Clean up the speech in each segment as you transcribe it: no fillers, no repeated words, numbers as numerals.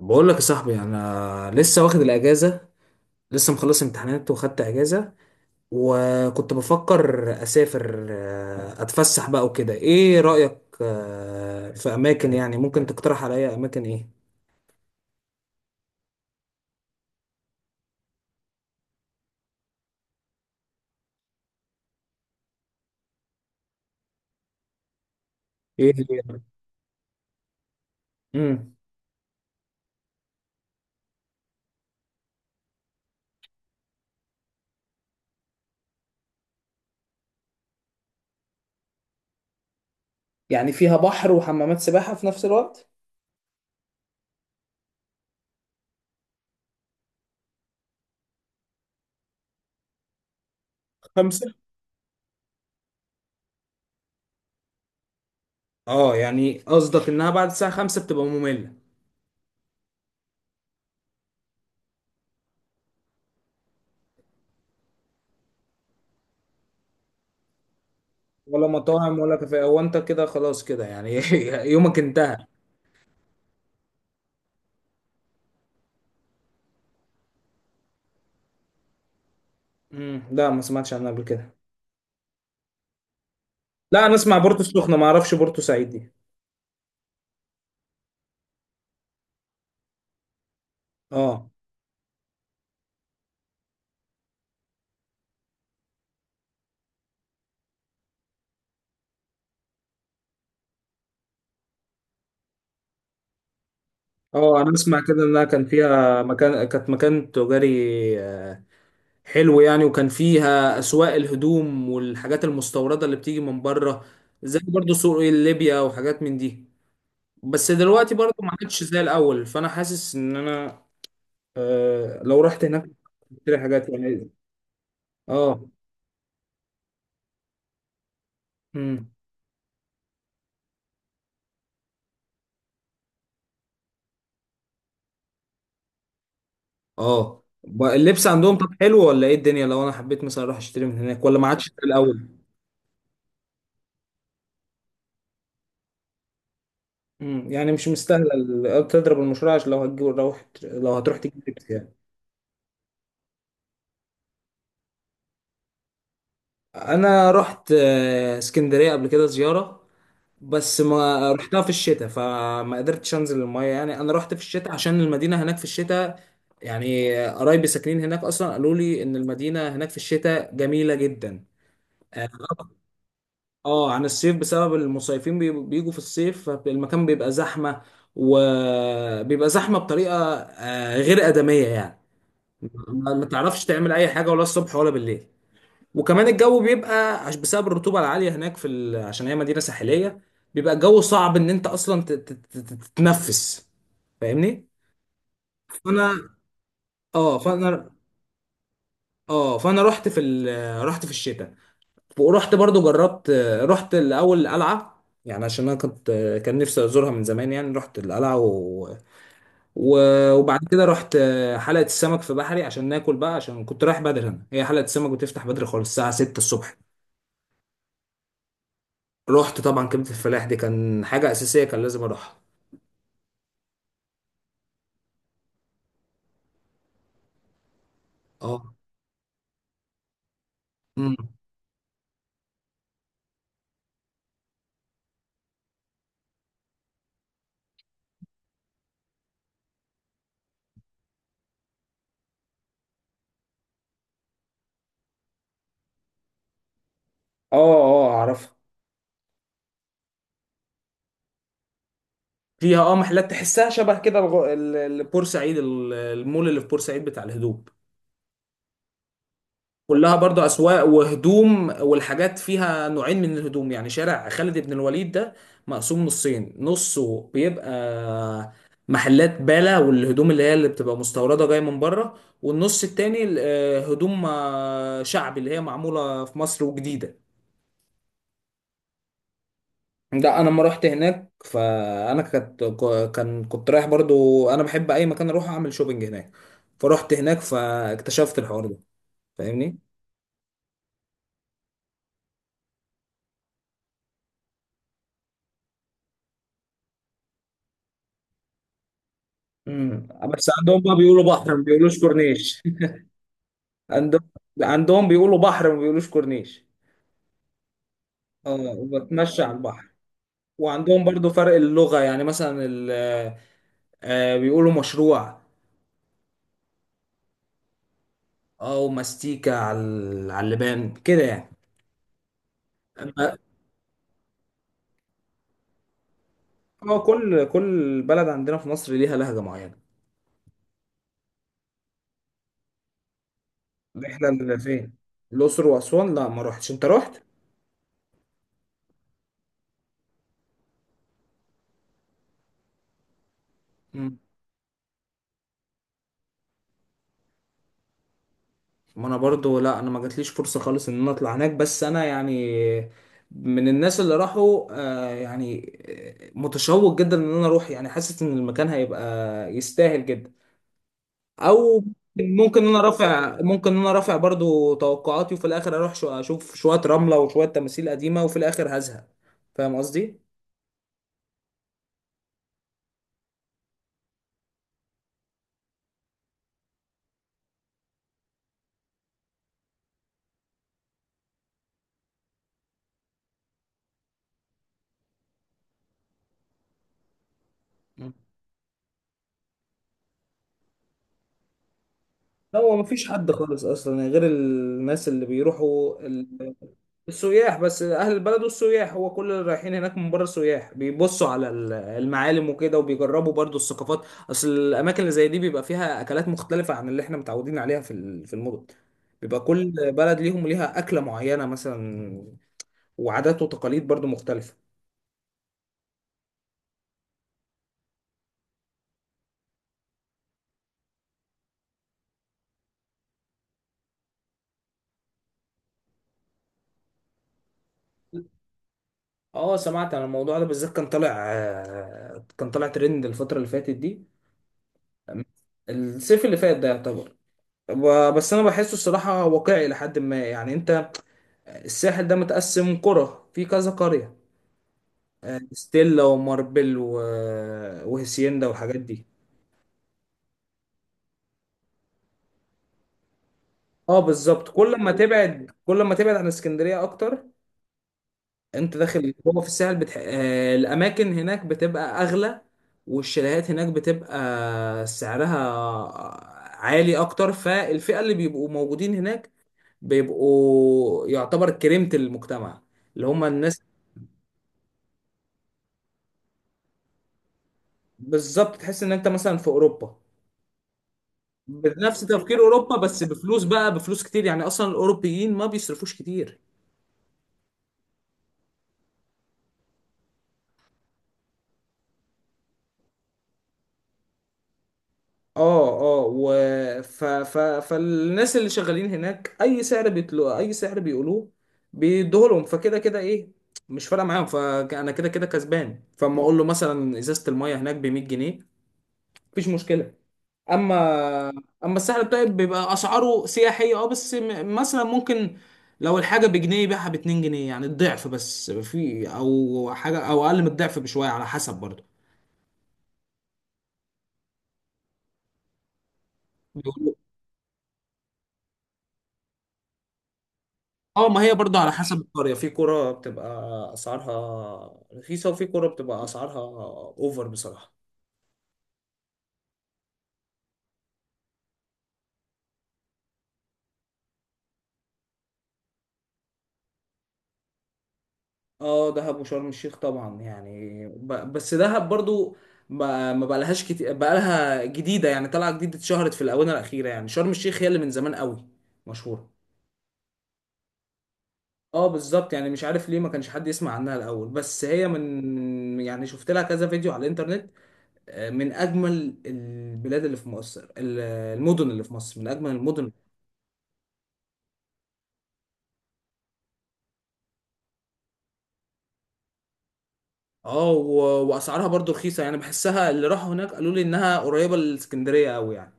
بقول لك يا صاحبي، انا لسه واخد الاجازه. لسه مخلص امتحانات وخدت اجازه. وكنت بفكر اسافر، اتفسح بقى وكده. ايه رايك في اماكن يعني ممكن تقترح عليا اماكن؟ ايه ايه هي؟ امم يعني فيها بحر وحمامات سباحة في نفس الوقت؟ خمسة. اه يعني قصدك انها بعد الساعه 5 بتبقى ممله؟ ولا مطاعم ولا كافيه؟ هو انت كده خلاص كده يعني يومك انتهى. لا، ما سمعتش عنها قبل كده. لا انا اسمع بورتو السخنه، ما اعرفش بورتو سعيد دي. اه، اه انا اسمع كده انها كان فيها مكان، كانت مكان تجاري. آه، حلو يعني، وكان فيها اسواق الهدوم والحاجات المستورده اللي بتيجي من بره. زي برضو سوق ليبيا وحاجات من دي. بس دلوقتي برضو ما عادش زي الاول، فانا حاسس ان انا آه لو رحت هناك اشتري حاجات يعني. اه. امم. اه اللبس عندهم طب حلو ولا ايه الدنيا؟ لو انا حبيت مثلا اروح اشتري من هناك ولا ما عادش زي الاول؟ مم. يعني مش مستاهله تضرب المشروع؟ عشان لو هتجيب، لو لو هتروح تجيب لبس يعني. انا رحت اسكندريه قبل كده زياره. بس ما رحتها في الشتاء، فما قدرتش انزل المايه يعني. انا رحت في الشتاء عشان المدينه هناك في الشتاء يعني. قرايبي ساكنين هناك اصلا، قالوا لي ان المدينه هناك في الشتاء جميله جدا. اه. عن الصيف بسبب المصيفين بيجوا في الصيف، فالمكان بيبقى زحمه. وبيبقى زحمه بطريقه غير ادميه يعني. ما تعرفش تعمل اي حاجه ولا الصبح ولا بالليل. وكمان الجو بيبقى بسبب الرطوبه العاليه هناك في عشان هي مدينه ساحليه، بيبقى الجو صعب ان انت اصلا تتنفس. فاهمني؟ فانا، اه فانا، اه فانا رحت في رحت في الشتاء. ورحت برضو جربت. رحت الاول القلعه يعني، عشان انا كنت، كان نفسي ازورها من زمان يعني. رحت القلعه وبعد كده رحت حلقة السمك في بحري عشان ناكل بقى، عشان كنت رايح بدري. انا هي حلقة السمك بتفتح بدري خالص الساعة 6 الصبح. رحت طبعا، كبدة الفلاح دي كان حاجة أساسية، كان لازم أروحها. اه. امم. اه. اه أعرفها. فيها اه محلات تحسها شبه كده بورسعيد، المول اللي في بورسعيد بتاع الهدوم. كلها برضو أسواق وهدوم والحاجات. فيها نوعين من الهدوم يعني. شارع خالد بن الوليد ده مقسوم نصين. نصه بيبقى محلات بالا والهدوم اللي هي اللي بتبقى مستوردة جاية من بره، والنص التاني هدوم شعبي اللي هي معمولة في مصر وجديدة. ده انا لما رحت هناك فانا كنت، كان كنت رايح برضو. انا بحب اي مكان اروح اعمل شوبينج هناك. فرحت هناك فاكتشفت الحوار ده. فاهمني؟ امم بس عندهم بقى بيقولوا بحر، ما بيقولوش كورنيش. عندهم، عندهم بيقولوا بحر ما بيقولوش كورنيش. اه. وبتمشى على البحر. وعندهم برضو فرق اللغة يعني. مثلا آه بيقولوا مشروع، او ماستيكا على على اللبان كده يعني. أما- اه كل بلد عندنا في مصر ليها لهجة معينة. احنا اللي فين؟ الأقصر وأسوان، لا ما روحتش. انت روحت؟ ما انا برضو، لا انا ما جاتليش فرصة خالص ان انا اطلع هناك. بس انا يعني من الناس اللي راحوا، يعني متشوق جدا ان انا اروح. يعني حاسس ان المكان هيبقى يستاهل جدا. او ممكن ان انا رافع برضو توقعاتي، وفي الاخر اروح اشوف شوية رملة وشوية تماثيل قديمة، وفي الاخر هزهق. فاهم قصدي؟ مم. لا هو مفيش حد خالص اصلا غير الناس اللي بيروحوا، السياح بس، اهل البلد والسياح. هو كل اللي رايحين هناك من بره سياح، بيبصوا على المعالم وكده، وبيجربوا برضو الثقافات. اصل الاماكن اللي زي دي بيبقى فيها اكلات مختلفة عن اللي احنا متعودين عليها في في المدن. بيبقى كل بلد ليها اكلة معينة مثلا، وعادات وتقاليد برضو مختلفة. اه، سمعت عن الموضوع ده. بالذات كان طالع، كان طالع ترند الفترة اللي فاتت دي، الصيف اللي فات ده يعتبر. بس انا بحسه الصراحة واقعي لحد ما يعني. انت الساحل ده متقسم قرى، في كذا قرية: ستيلا وماربل وهسيندا والحاجات دي. اه بالظبط، كل ما تبعد عن اسكندرية اكتر، انت داخل جوه في الساحل آه الاماكن هناك بتبقى اغلى. والشاليهات هناك بتبقى سعرها عالي اكتر. فالفئة اللي بيبقوا موجودين هناك بيبقوا يعتبر كريمة المجتمع، اللي هم الناس. بالظبط، تحس ان انت مثلا في اوروبا. بنفس تفكير اوروبا بس بفلوس بقى، بفلوس كتير يعني. اصلا الاوروبيين ما بيصرفوش كتير. اه، اه. فالناس اللي شغالين هناك اي سعر بيطلو اي سعر بيقولوه بيدوه لهم، فكده كده ايه، مش فارقه معاهم. فانا كده كده كسبان، فاما اقول له مثلا ازازه الميه هناك ب 100 جنيه، مفيش مشكله. اما اما الساحل الطيب بيبقى اسعاره سياحيه، اه. بس مثلا ممكن لو الحاجه بجنيه يبيعها ب 2 جنيه يعني الضعف بس، في او حاجه او اقل من الضعف بشويه، على حسب برضه. بيقولوا- اه ما هي برضه على حسب القريه. في قرى بتبقى اسعارها رخيصه، وفي قرى بتبقى اسعارها اوفر بصراحه. اه دهب وشرم الشيخ طبعا يعني بس دهب برضو ما بقى لهاش كتير، بقى لها جديده يعني، طالعه جديده، اتشهرت في الاونه الاخيره يعني. شرم الشيخ هي اللي من زمان قوي مشهوره. اه بالظبط، يعني مش عارف ليه ما كانش حد يسمع عنها الاول. بس هي من يعني، شفت لها كذا فيديو على الانترنت. من اجمل البلاد اللي في مصر، المدن اللي في مصر من اجمل المدن. اه واسعارها برضو رخيصه يعني. بحسها، اللي راحوا هناك قالوا لي انها قريبه للاسكندريه قوي يعني.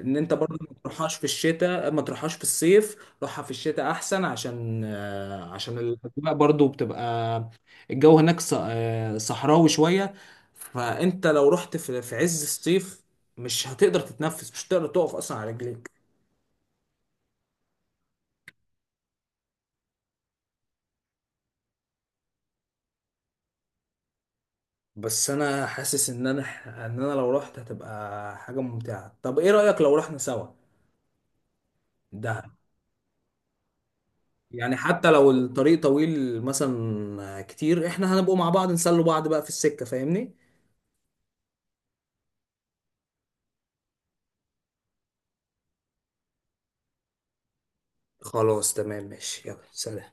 ان انت برضو ما تروحهاش في الشتاء، ما تروحهاش في الصيف. روحها في الشتاء احسن، عشان عشان الاجواء برضو بتبقى، الجو هناك صحراوي شوية. فانت لو رحت في عز الصيف مش هتقدر تتنفس، مش هتقدر تقف اصلا على رجليك. بس انا حاسس ان انا، لو رحت هتبقى حاجة ممتعة. طب ايه رأيك لو رحنا سوا دهب؟ يعني حتى لو الطريق طويل مثلا كتير، احنا هنبقوا مع بعض نسلوا بعض بقى في السكة. فاهمني؟ خلاص تمام ماشي، يلا سلام.